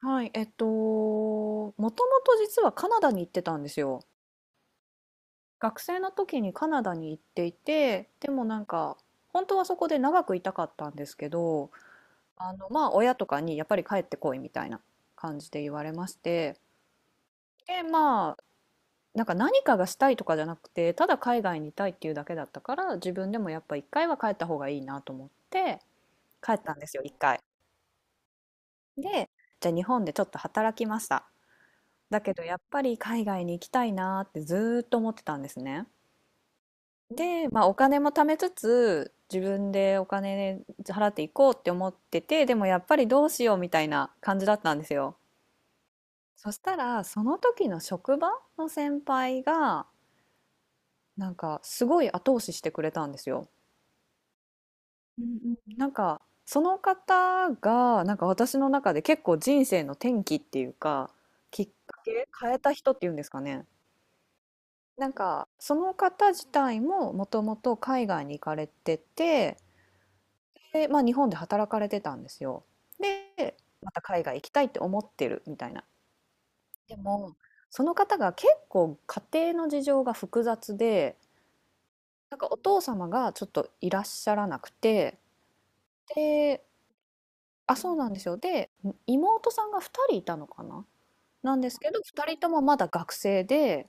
はい、もともと実はカナダに行ってたんですよ。学生の時にカナダに行っていて、でも本当はそこで長くいたかったんですけど、親とかにやっぱり帰ってこいみたいな感じで言われまして、で、まあ、なんか何かがしたいとかじゃなくて、ただ海外にいたいっていうだけだったから、自分でもやっぱ一回は帰った方がいいなと思って、帰ったんですよ、一回。で、じゃあ日本でちょっと働きました。だけどやっぱり海外に行きたいなーってずーっと思ってたんですね。で、まあ、お金も貯めつつ自分でお金払っていこうって思っててでもやっぱりどうしようみたいな感じだったんですよ。そしたらその時の職場の先輩がなんかすごい後押ししてくれたんですよ。うんうんなんかその方がなんか私の中で結構人生の転機っていうか、きっかけ変えた人っていうんですかね。なんかその方自体ももともと海外に行かれてて、で、まあ、日本で働かれてたんですよ。で、また海外行きたいって思ってるみたいな。でもその方が結構家庭の事情が複雑で、なんかお父様がちょっといらっしゃらなくて、で、あ、そうなんですよ。で、妹さんが2人いたのかななんですけど、2人ともまだ学生で、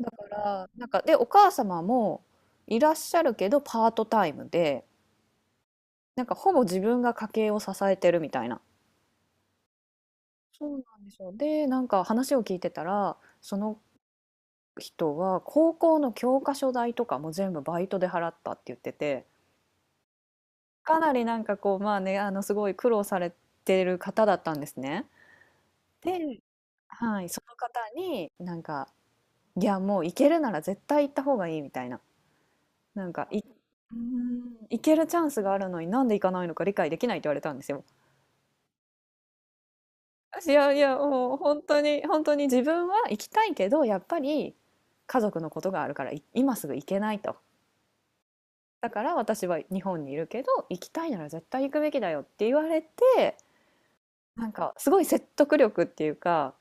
だから、お母様もいらっしゃるけどパートタイムで。なんかほぼ自分が家計を支えてるみたいな。そうなんですよ。で、なんか話を聞いてたら、その人は高校の教科書代とかも全部バイトで払ったって言ってて、かなりなんかこう、まあね、すごい苦労されてる方だったんですね。で、はい、その方になんか、いや、もう行けるなら絶対行った方がいいみたいな。なんか、い、うーん、行けるチャンスがあるのになんで行かないのか理解できないって言われたんですよ。いやいや、もう本当に、本当に自分は行きたいけど、やっぱり家族のことがあるから、今すぐ行けないと。だから私は日本にいるけど、行きたいなら絶対行くべきだよって言われて、なんかすごい説得力っていうか、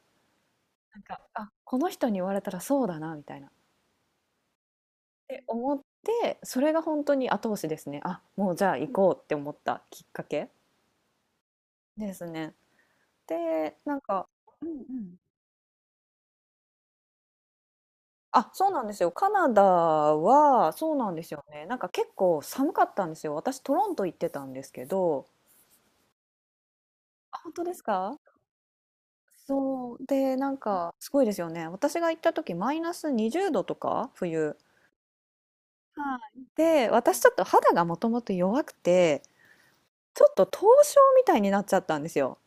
なんか、あ、この人に言われたらそうだな、みたいな。って思って、それが本当に後押しですね。あ、もうじゃあ行こうって思ったきっかけですね。で、なんか、うんうん。あ、そうなんですよ。カナダは、そうなんですよね。なんか結構寒かったんですよ。私、トロント行ってたんですけど、あ、本当ですか。そう。で、なんか、すごいですよね。私が行った時、マイナス20度とか、冬。はい。で、私ちょっと肌がもともと弱くて、ちょっと凍傷みたいになっちゃったんですよ。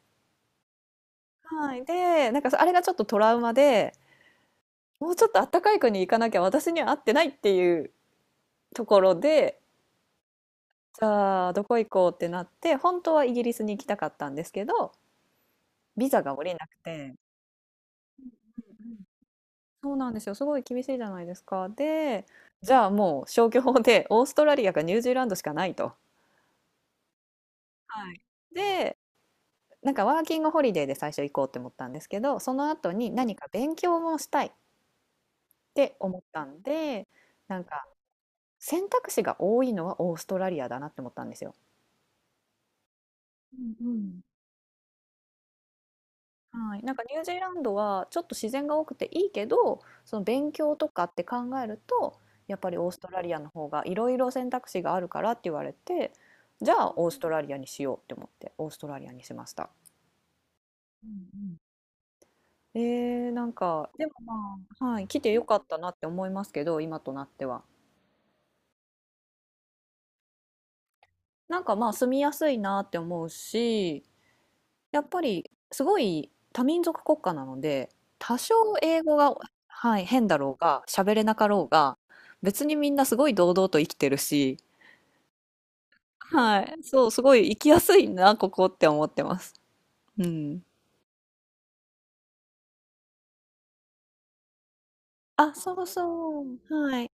はい。で、なんかあれがちょっとトラウマで、もうちょっと暖かい国行かなきゃ私には合ってないっていうところで、じゃあ、どこ行こうってなって、本当はイギリスに行きたかったんですけど、ビザが下りなくて、そうなんですよ。すごい厳しいじゃないですか。で、じゃあもう消去法でオーストラリアかニュージーランドしかないと。はい。で、なんかワーキングホリデーで最初行こうって思ったんですけど、その後に何か勉強もしたいって思ったんで、なんか選択肢が多いのはオーストラリアだなって思ったんですよ。はい、なんかニュージーランドはちょっと自然が多くていいけど、その勉強とかって考えると、やっぱりオーストラリアの方がいろいろ選択肢があるからって言われて、じゃあオーストラリアにしようって思ってオーストラリアにしました。うんうん。なんか、でもまあ、はい、来てよかったなって思いますけど、今となっては。なんかまあ住みやすいなって思うし、やっぱりすごい多民族国家なので、多少英語が、はい、変だろうが、喋れなかろうが、別にみんなすごい堂々と生きてるし、はい、そう、すごい生きやすいな、ここって思ってます。うん。あ、そうそう、はい。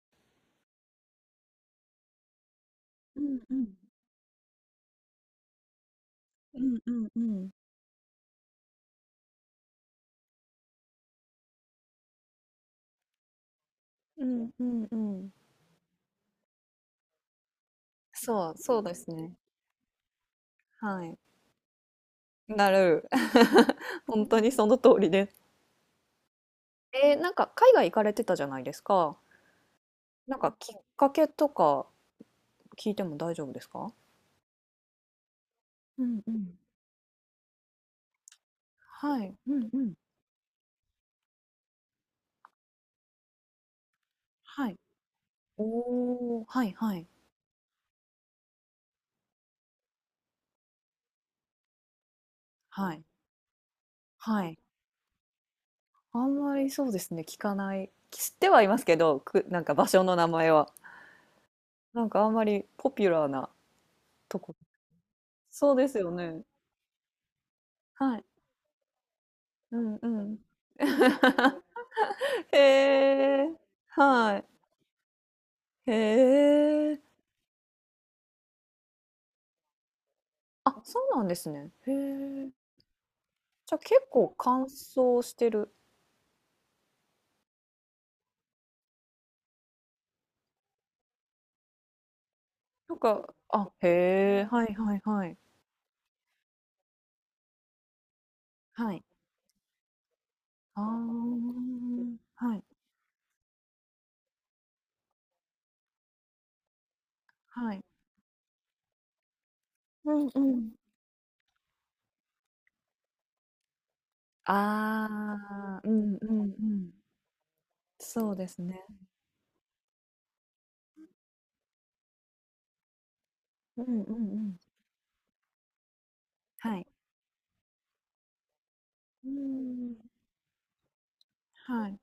うんうん。うんうんうん。うんうんうん。そう、そうですね。はい。なる。本当にその通りです。なんか海外行かれてたじゃないですか。なんかきっかけとか聞いても大丈夫ですか？うんうん。はい。うんうん。はい。おお、はいはい。はい。はい。あんまりそうですね、聞かない。知ってはいますけど、く、なんか場所の名前は。なんかあんまりポピュラーなとこ。そうですよね。はい。うんうん。へえ。はい。へえ。あ、そうなんですね。へえ。じゃ、結構乾燥してる。なんかあ、へえ、はいはいはい。はい。ああ、ん。はいはい。うんうん。ああ、うんうんうん。そうですね。うんうんうん。はい。うーん。はい。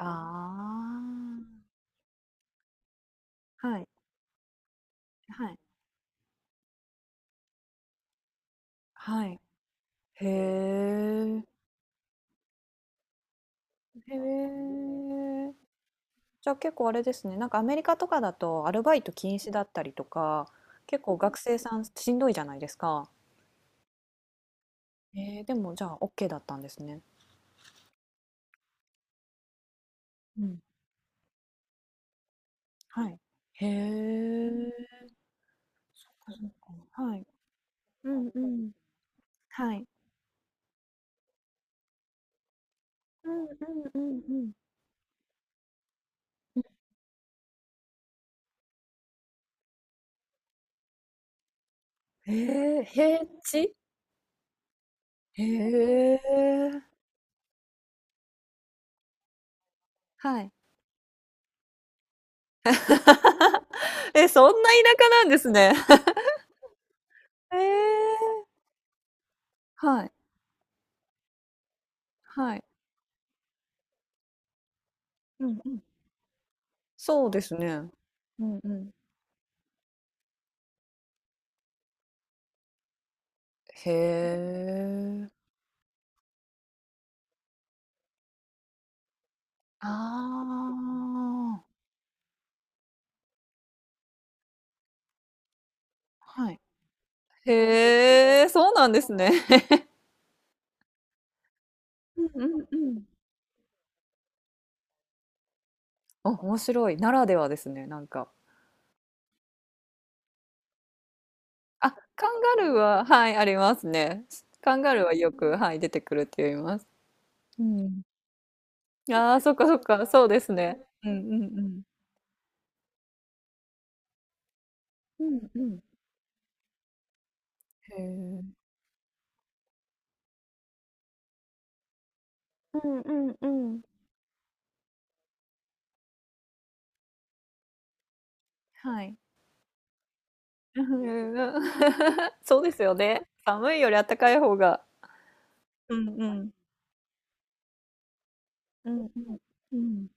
ああ、はい、はい、はい。へえ。へえ。じゃ、結構あれですね、なんかアメリカとかだとアルバイト禁止だったりとか、結構学生さんしんどいじゃないですか。でもじゃあオッケーだったんですね。うん、はい。へえ。確かに、はい。うんうん。ん。はい。うんうんうんうん。うん。へえ、平地？へえ。はい。え、そんな田舎なんですね。へえ。はい、はい。うんうん。そうですね。うんうん。へえ。ああ、はい。へえ、そうなんですね。うんうんうん。あ、面白い。ならではですね、なんか。あ、カンガルーは、はい、ありますね。カンガルーはよく、はい、出てくるって言います。うん。ああ、そっかそっか、そうですね。うんうんうん。うんうん。へえ。うんうんうん。はい。うんうん そうですよね。寒いよりあったかい方が。うんうん。うんうん。うん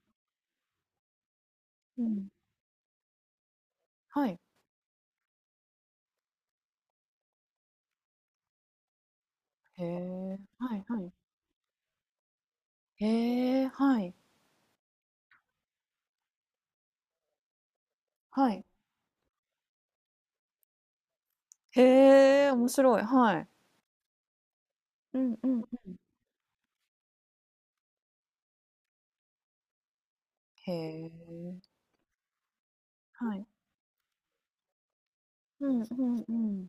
うん。はい。へえ、はいはい。へえ、はい。はい。へえ、面白い。はい。うんうんうん。へえ。はい。うんうんうん。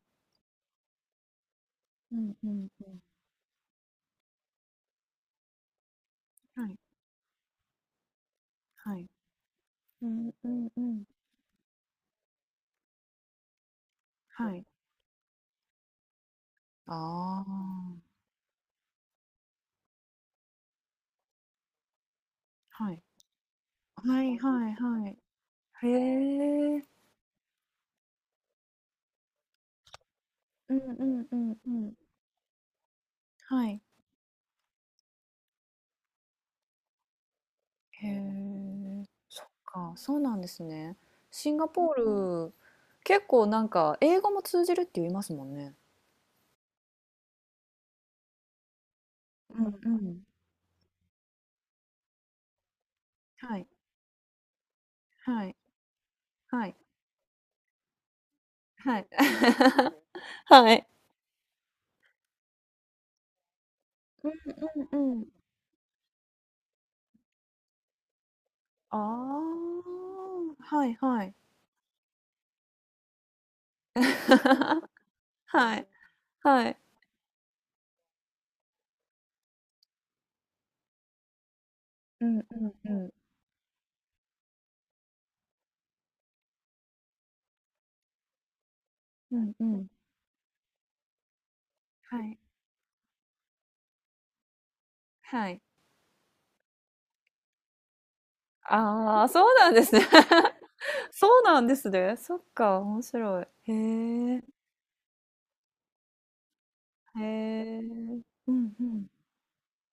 うんうんうん。はいはい。うんうんうん。はい。ああ、はい。なはるいほど。はいはい。へえ。うんうんうんうん。はいはい。うんうんうん。はい。ああ、はいはいはいはい。へえ。そっか、そうなんですね。シンガポール、結構なんか英語も通じるって言いますもんね。うんうん。はいはいはいはい はい。うんうんうん。ああ、はいはい はい、はい。うんうんうん。うんうん。はい、はい。ああ、そうなんですね。そうなんですね。そっか、面白い。へえ、へえ。うんうん